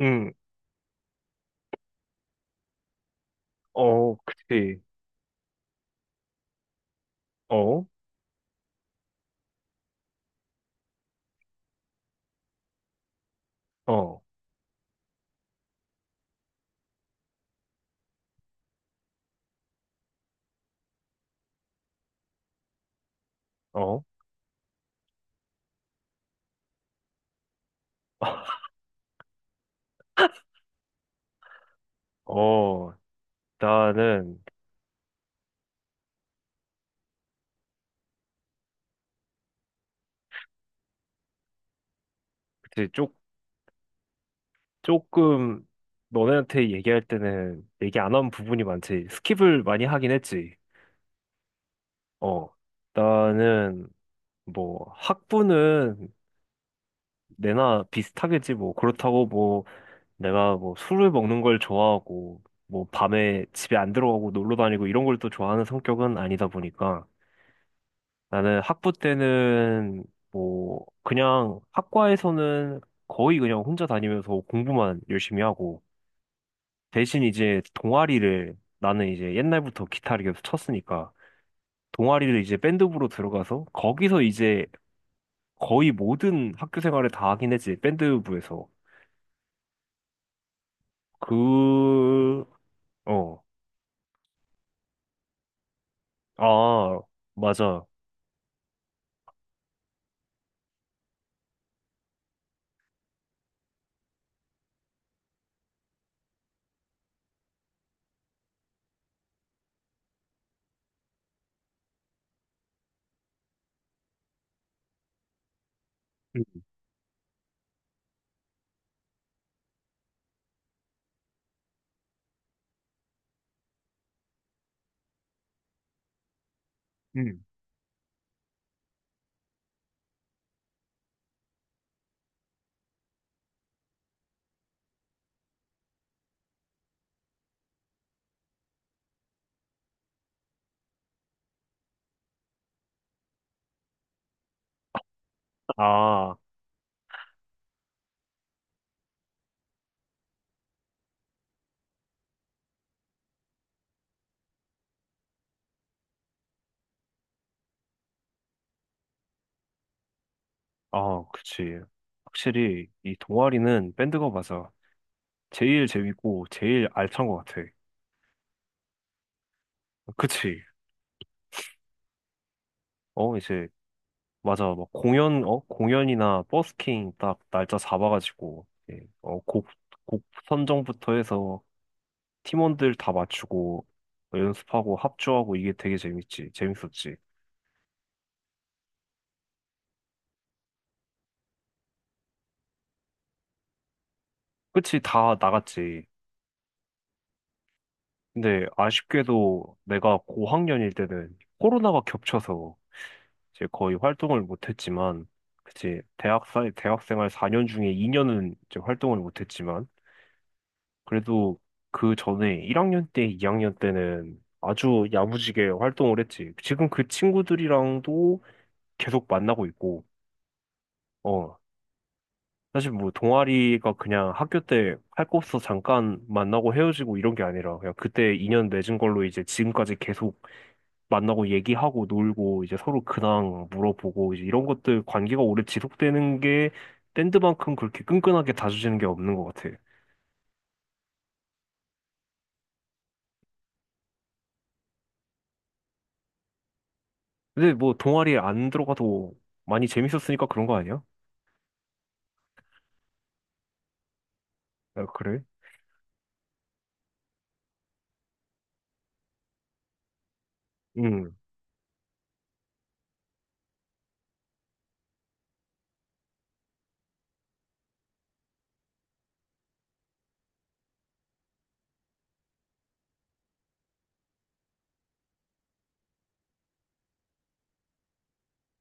응, 어, 그치. 어, 어, 어, 어, 나는, 그치, 조금, 너네한테 얘기할 때는 얘기 안 한 부분이 많지. 스킵을 많이 하긴 했지. 어, 나는, 뭐, 학부는 내나 비슷하겠지. 뭐, 그렇다고 뭐, 내가 뭐, 술을 먹는 걸 좋아하고, 뭐, 밤에 집에 안 들어가고 놀러 다니고 이런 걸 또 좋아하는 성격은 아니다 보니까. 나는 학부 때는 뭐 그냥 학과에서는 거의 그냥 혼자 다니면서 공부만 열심히 하고, 대신 이제 동아리를, 나는 이제 옛날부터 기타를 계속 쳤으니까 동아리를 이제 밴드부로 들어가서, 거기서 이제 거의 모든 학교 생활을 다 하긴 했지, 밴드부에서. 그, 어, 아, 맞아. 음, 음. 아, 아, 그치. 확실히 이 동아리는 밴드가 맞아. 제일 재밌고 제일 알찬 것 같아. 그치? 어, 이제 맞아. 막 공연, 어, 공연이나 버스킹 딱 날짜 잡아가지고 어곡곡 선정부터 해서 팀원들 다 맞추고 뭐 연습하고 합주하고, 이게 되게 재밌지. 재밌었지. 그치? 다 나갔지. 근데 아쉽게도 내가 고학년일 때는 코로나가 겹쳐서 이제 거의 활동을 못했지만, 그치? 대학 사 대학생활 4년 중에 2년은 이제 활동을 못했지만, 그래도 그 전에 1학년 때, 2학년 때는 아주 야무지게 활동을 했지. 지금 그 친구들이랑도 계속 만나고 있고, 어. 사실 뭐 동아리가 그냥 학교 때 할 거 없어 잠깐 만나고 헤어지고 이런 게 아니라, 그냥 그때 인연 맺은 걸로 이제 지금까지 계속 만나고 얘기하고 놀고 이제 서로 근황 물어보고 이제 이런 것들, 관계가 오래 지속되는 게 밴드만큼 그렇게 끈끈하게 다져지는 게 없는 것 같아. 근데 뭐 동아리에 안 들어가도 많이 재밌었으니까 그런 거 아니야? 아, 그래? 응.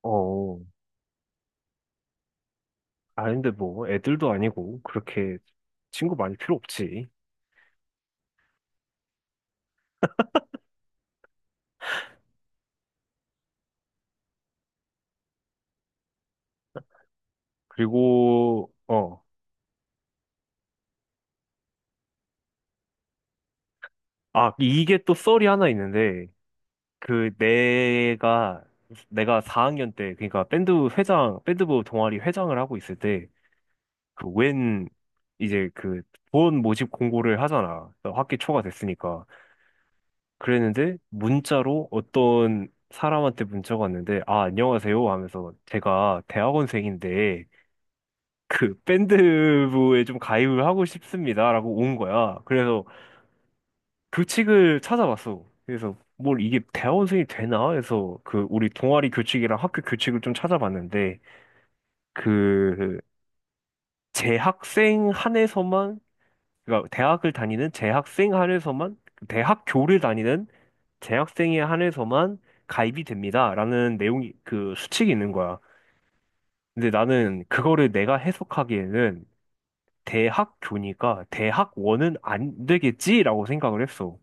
어. 아, 근데 뭐, 애들도 아니고, 그렇게 친구 많이 필요 없지. 그리고, 어. 아, 이게 또 썰이 하나 있는데, 그, 내가 4학년 때, 그러니까 밴드 회장, 밴드부 동아리 회장을 하고 있을 때, 그, 웬, 이제 그, 본 모집 공고를 하잖아. 학기 초가 됐으니까. 그랬는데, 문자로 어떤 사람한테 문자가 왔는데, 아, 안녕하세요 하면서, 제가 대학원생인데, 그 밴드부에 좀 가입을 하고 싶습니다라고 온 거야. 그래서 교칙을 찾아봤어. 그래서 뭘 이게 대학원생이 되나 해서 그 우리 동아리 교칙이랑 학교 교칙을 좀 찾아봤는데, 그 재학생 한에서만, 그러니까 대학을 다니는 재학생 한에서만, 대학교를 다니는 재학생에 한해서만 가입이 됩니다라는 내용이 그 수칙이 있는 거야. 근데 나는 그거를 내가 해석하기에는, 대학 교니까 대학원은 안 되겠지라고 생각을 했어.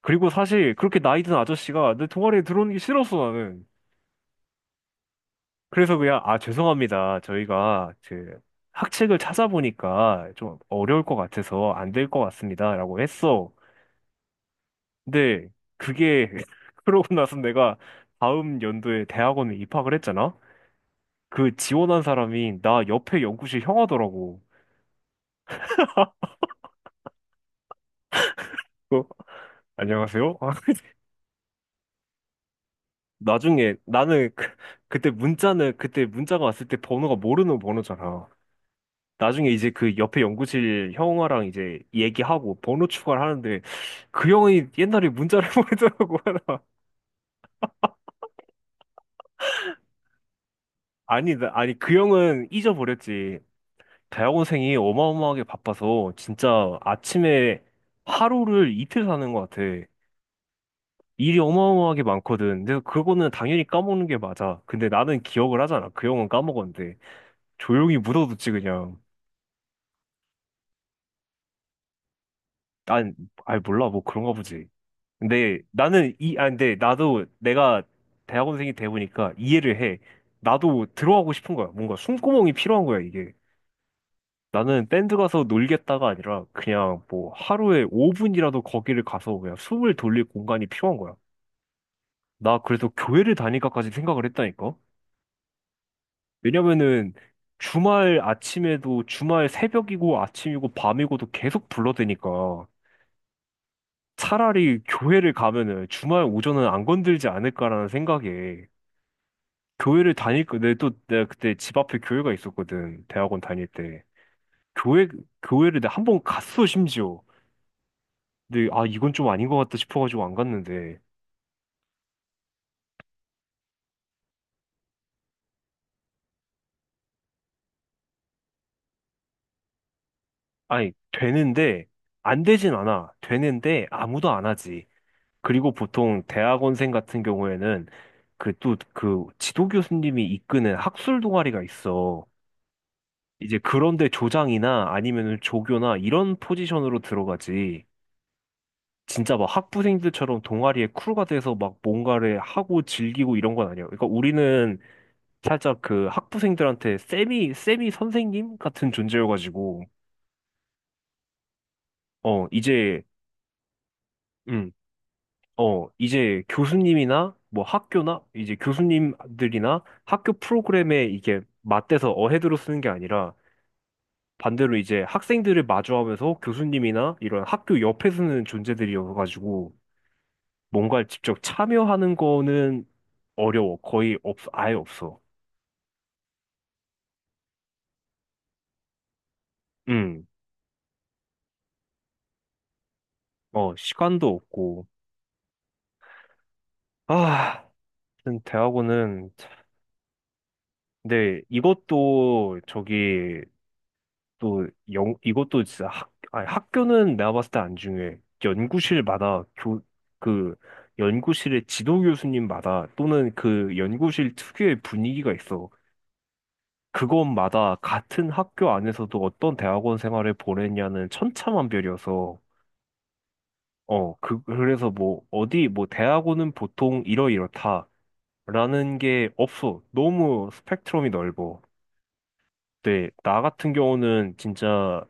그리고 사실 그렇게 나이 든 아저씨가 내 동아리에 들어오는 게 싫었어, 나는. 그래서 그냥, 아, 죄송합니다. 저희가 그 학책을 찾아보니까 좀 어려울 것 같아서 안 될 것 같습니다, 라고 했어. 근데 그게, 그러고 나서 내가 다음 연도에 대학원에 입학을 했잖아? 그 지원한 사람이 나 옆에 연구실 형하더라고. 어, 안녕하세요? 나중에 나는 그, 그때 문자는, 그때 문자가 왔을 때 번호가 모르는 번호잖아. 나중에 이제 그 옆에 연구실 형아랑 이제 얘기하고 번호 추가를 하는데 그 형이 옛날에 문자를 보내더라고. 아니, 아니 그 형은 잊어버렸지. 대학원생이 어마어마하게 바빠서 진짜 아침에 하루를 이틀 사는 것 같아. 일이 어마어마하게 많거든. 근데 그거는 당연히 까먹는 게 맞아. 근데 나는 기억을 하잖아, 그 형은 까먹었는데. 조용히 묻어뒀지 그냥. 아니, 아니 몰라, 뭐 그런가 보지. 근데 나는 이, 아 근데 나도 내가 대학원생이 돼 보니까 이해를 해. 나도 들어가고 싶은 거야. 뭔가 숨구멍이 필요한 거야 이게. 나는 밴드 가서 놀겠다가 아니라 그냥 뭐 하루에 5분이라도 거기를 가서 그냥 숨을 돌릴 공간이 필요한 거야. 나 그래서 교회를 다닐까까지 생각을 했다니까. 왜냐면은 주말 아침에도, 주말 새벽이고 아침이고 밤이고도 계속 불러대니까. 차라리 교회를 가면은 주말 오전은 안 건들지 않을까라는 생각에 교회를 다닐 거, 내가 또 내가 그때 집 앞에 교회가 있었거든, 대학원 다닐 때. 교회, 교회를 내가 한 번 갔어, 심지어. 근데 아 이건 좀 아닌 것 같다 싶어가지고 안 갔는데. 아니 되는데, 안 되진 않아, 되는데 아무도 안 하지. 그리고 보통 대학원생 같은 경우에는 그 또 그 지도 교수님이 이끄는 학술 동아리가 있어. 이제 그런데 조장이나 아니면 조교나 이런 포지션으로 들어가지. 진짜 막 학부생들처럼 동아리에 쿨가 돼서 막 뭔가를 하고 즐기고 이런 건 아니야. 그러니까 우리는 살짝 그 학부생들한테 세미 선생님 같은 존재여가지고, 어, 이제, 음, 어, 이제 교수님이나 뭐 학교나 이제 교수님들이나 학교 프로그램에 이게 맞대서 어헤드로 쓰는 게 아니라 반대로 이제 학생들을 마주하면서 교수님이나 이런 학교 옆에 서는 존재들이어가지고, 뭔가 직접 참여하는 거는 어려워. 거의 아예 없어. 음, 어, 시간도 없고. 아, 하여튼 대학원은, 참- 근데 이것도 저기 또 이것도 진짜 학, 아니, 학교는 내가 봤을 때 안 중요해. 연구실마다 교, 그 연구실의 지도 교수님마다 또는 그 연구실 특유의 분위기가 있어. 그곳마다 같은 학교 안에서도 어떤 대학원 생활을 보냈냐는 천차만별이어서, 어, 그, 그래서 뭐, 어디, 뭐, 대학원은 보통 이러이렇다 라는 게 없어. 너무 스펙트럼이 넓어. 네, 나 같은 경우는 진짜,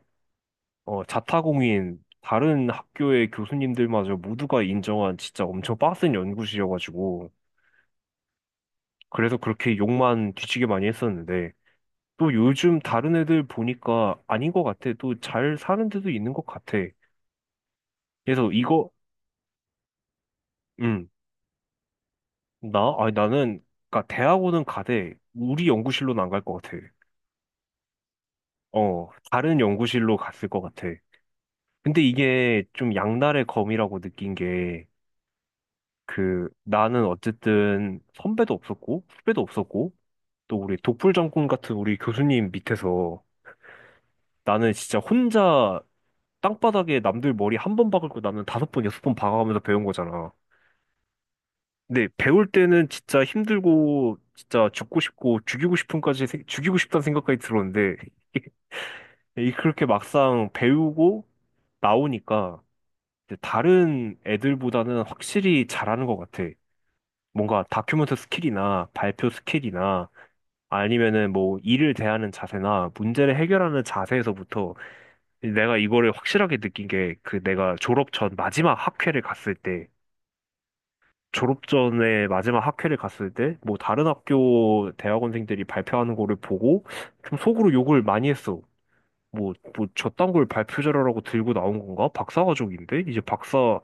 어, 자타공인, 다른 학교의 교수님들마저 모두가 인정한 진짜 엄청 빡센 연구실이어가지고, 그래서 그렇게 욕만 뒤지게 많이 했었는데, 또 요즘 다른 애들 보니까 아닌 것 같아. 또 잘 사는 데도 있는 것 같아. 그래서 이거, 음, 나? 아니, 나는, 그니까 대학원은 가되, 우리 연구실로는 안 갈 것 같아. 어, 다른 연구실로 갔을 것 같아. 근데 이게 좀 양날의 검이라고 느낀 게, 그, 나는 어쨌든 선배도 없었고, 후배도 없었고, 또 우리 독불 장군 같은 우리 교수님 밑에서 나는 진짜 혼자 땅바닥에 남들 머리 한 번 박을 거 나는 다섯 번, 여섯 번 박아가면서 배운 거잖아. 네, 배울 때는 진짜 힘들고, 진짜 죽고 싶고, 죽이고 싶은까지, 죽이고 싶다는 생각까지 들었는데, 이 그렇게 막상 배우고 나오니까, 이제 다른 애들보다는 확실히 잘하는 것 같아. 뭔가 다큐멘터 스킬이나 발표 스킬이나, 아니면은 뭐 일을 대하는 자세나 문제를 해결하는 자세에서부터, 내가 이거를 확실하게 느낀 게, 그 내가 졸업 전 마지막 학회를 갔을 때, 졸업 전에 마지막 학회를 갔을 때 뭐 다른 학교 대학원생들이 발표하는 거를 보고 좀 속으로 욕을 많이 했어. 뭐, 뭐 저딴 걸 발표 자료라고 들고 나온 건가? 박사 과정인데? 이제 박사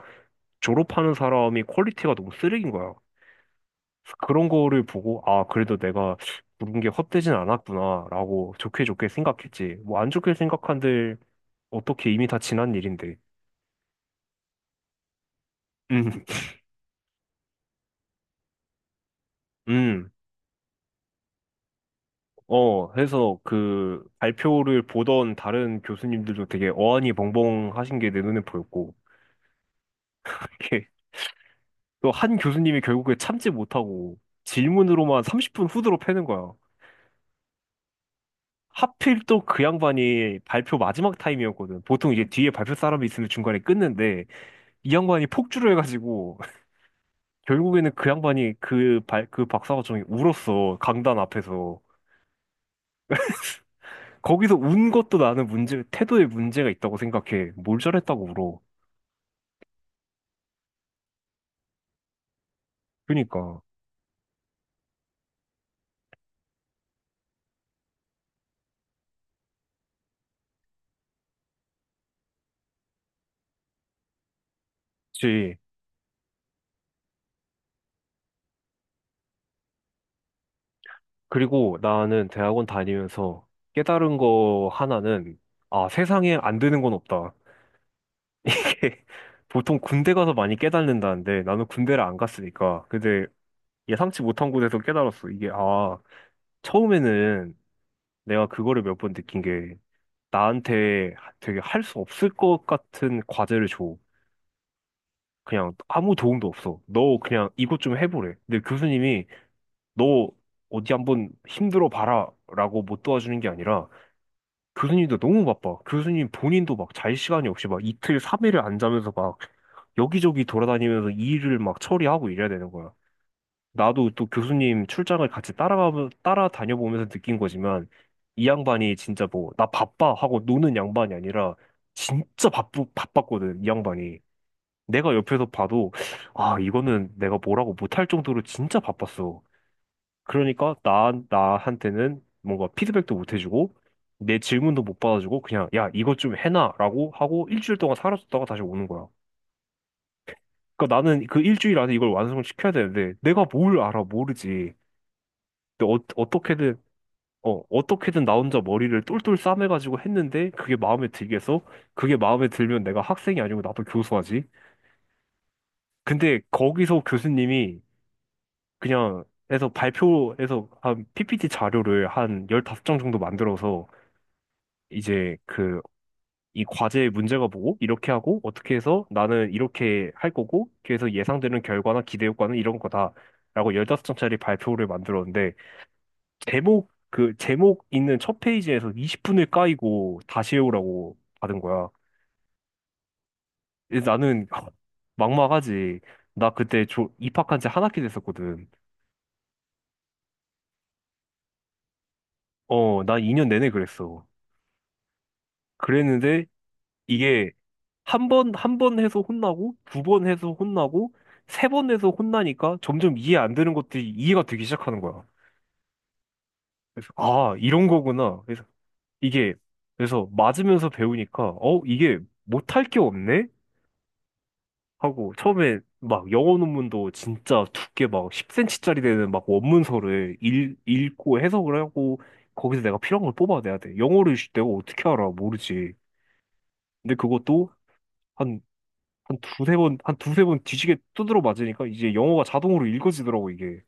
졸업하는 사람이 퀄리티가 너무 쓰레기인 거야. 그런 거를 보고, 아, 그래도 내가 부른 게 헛되진 않았구나, 라고 좋게 좋게 생각했지. 뭐 안 좋게 생각한들 어떻게, 이미 다 지난 일인데. 음, 음. 어, 해서 그 발표를 보던 다른 교수님들도 되게 어안이 벙벙 하신 게 내 눈에 보였고, 이렇게 또 한 교수님이 결국에 참지 못하고 질문으로만 30분 후드로 패는 거야. 하필 또 그 양반이 발표 마지막 타임이었거든. 보통 이제 뒤에 발표 사람이 있으면 중간에 끊는데, 이 양반이 폭주를 해가지고, 결국에는 그 양반이 그 그 박사과정이 울었어. 강단 앞에서. 거기서 운 것도 나는 문제, 태도에 문제가 있다고 생각해. 뭘 잘했다고 울어. 그니까. 그치. 그리고 나는 대학원 다니면서 깨달은 거 하나는, 아, 세상에 안 되는 건 없다. 보통 군대 가서 많이 깨닫는다는데 나는 군대를 안 갔으니까. 근데 예상치 못한 곳에서 깨달았어. 이게, 아, 처음에는 내가 그거를 몇 번 느낀 게, 나한테 되게 할 수 없을 것 같은 과제를 줘. 그냥 아무 도움도 없어. 너 그냥 이것 좀 해보래. 근데 교수님이 너 어디 한번 힘들어 봐라 라고 못 도와주는 게 아니라, 교수님도 너무 바빠. 교수님 본인도 막 잘 시간이 없이 막 이틀, 삼일을안 자면서 막 여기저기 돌아다니면서 일을 막 처리하고 이래야 되는 거야. 나도 또 교수님 출장을 같이 따라가, 따라다녀 보면서 느낀 거지만, 이 양반이 진짜 뭐, 나 바빠 하고 노는 양반이 아니라 진짜 바빴거든, 이 양반이. 내가 옆에서 봐도, 아, 이거는 내가 뭐라고 못할 정도로 진짜 바빴어. 그러니까 나, 나한테는 뭔가 피드백도 못 해주고 내 질문도 못 받아주고 그냥 야 이것 좀 해놔라고 하고 일주일 동안 사라졌다가 다시 오는 거야. 그러니까 나는 그 일주일 안에 이걸 완성시켜야 되는데 내가 뭘 알아, 모르지. 근데 어, 어떻게든 나 혼자 머리를 똘똘 싸매가지고 했는데 그게 마음에 들겠어? 그게 마음에 들면 내가 학생이 아니고 나도 교수하지. 근데 거기서 교수님이 그냥 해서 발표해서 한 PPT 자료를 한 15장 정도 만들어서 이제 그 이 과제의 문제가 뭐고 이렇게 하고 어떻게 해서 나는 이렇게 할 거고 그래서 예상되는 결과나 기대 효과는 이런 거다라고 15장짜리 발표를 만들었는데 제목, 그 제목 있는 첫 페이지에서 20분을 까이고 다시 해오라고 받은 거야. 그래서 나는 막막하지. 나 그때 조, 입학한 지 한 학기 됐었거든. 어, 나 2년 내내 그랬어. 그랬는데 이게 한 번, 한 번 해서 혼나고, 두 번 해서 혼나고, 세 번 해서 혼나니까 점점 이해 안 되는 것들이 이해가 되기 시작하는 거야. 그래서, 아, 이런 거구나. 그래서 이게, 그래서 맞으면서 배우니까, 어, 이게 못할 게 없네? 하고, 처음에 막 영어 논문도 진짜 두께 막 10cm짜리 되는 막 원문서를 읽고 해석을 하고, 거기서 내가 필요한 걸 뽑아내야 돼. 영어를 내가 어떻게 알아? 모르지. 근데 그것도, 한 한 두세 번, 한 두세 번 뒤지게 두드려 맞으니까 이제 영어가 자동으로 읽어지더라고, 이게.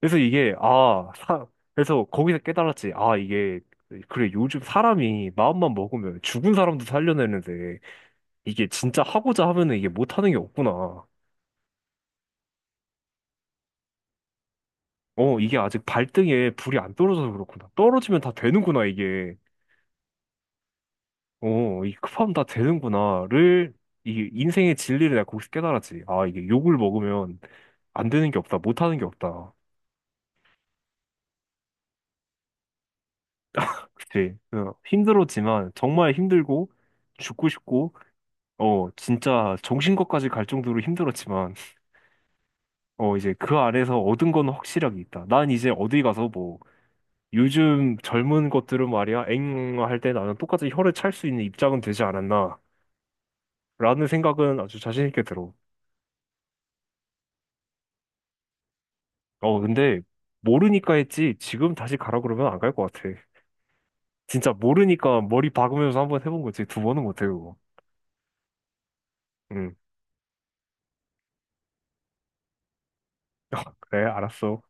그래서 이게, 아, 사, 그래서 거기서 깨달았지. 아, 이게, 그래, 요즘 사람이 마음만 먹으면 죽은 사람도 살려내는데 이게 진짜 하고자 하면은 이게 못하는 게 없구나. 어, 이게 아직 발등에 불이 안 떨어져서 그렇구나. 떨어지면 다 되는구나, 이게. 어, 이 급하면 다 되는구나를, 이 인생의 진리를 내가 거기서 깨달았지. 아, 이게 욕을 먹으면 안 되는 게 없다, 못하는 게 없다. 그치, 그 힘들었지만, 정말 힘들고 죽고 싶고, 어, 진짜 정신과까지 갈 정도로 힘들었지만 어 이제 그 안에서 얻은 건 확실하게 있다. 난 이제 어디 가서 뭐 요즘 젊은 것들은 말이야 엥, 응, 할때 나는 똑같이 혀를 찰 수 있는 입장은 되지 않았나라는 생각은 아주 자신 있게 들어. 어 근데 모르니까 했지, 지금 다시 가라 그러면 안 갈 것 같아. 진짜 모르니까 머리 박으면서 한번 해본 거지 두 번은 못해, 그거. 응, 그래, 알았어.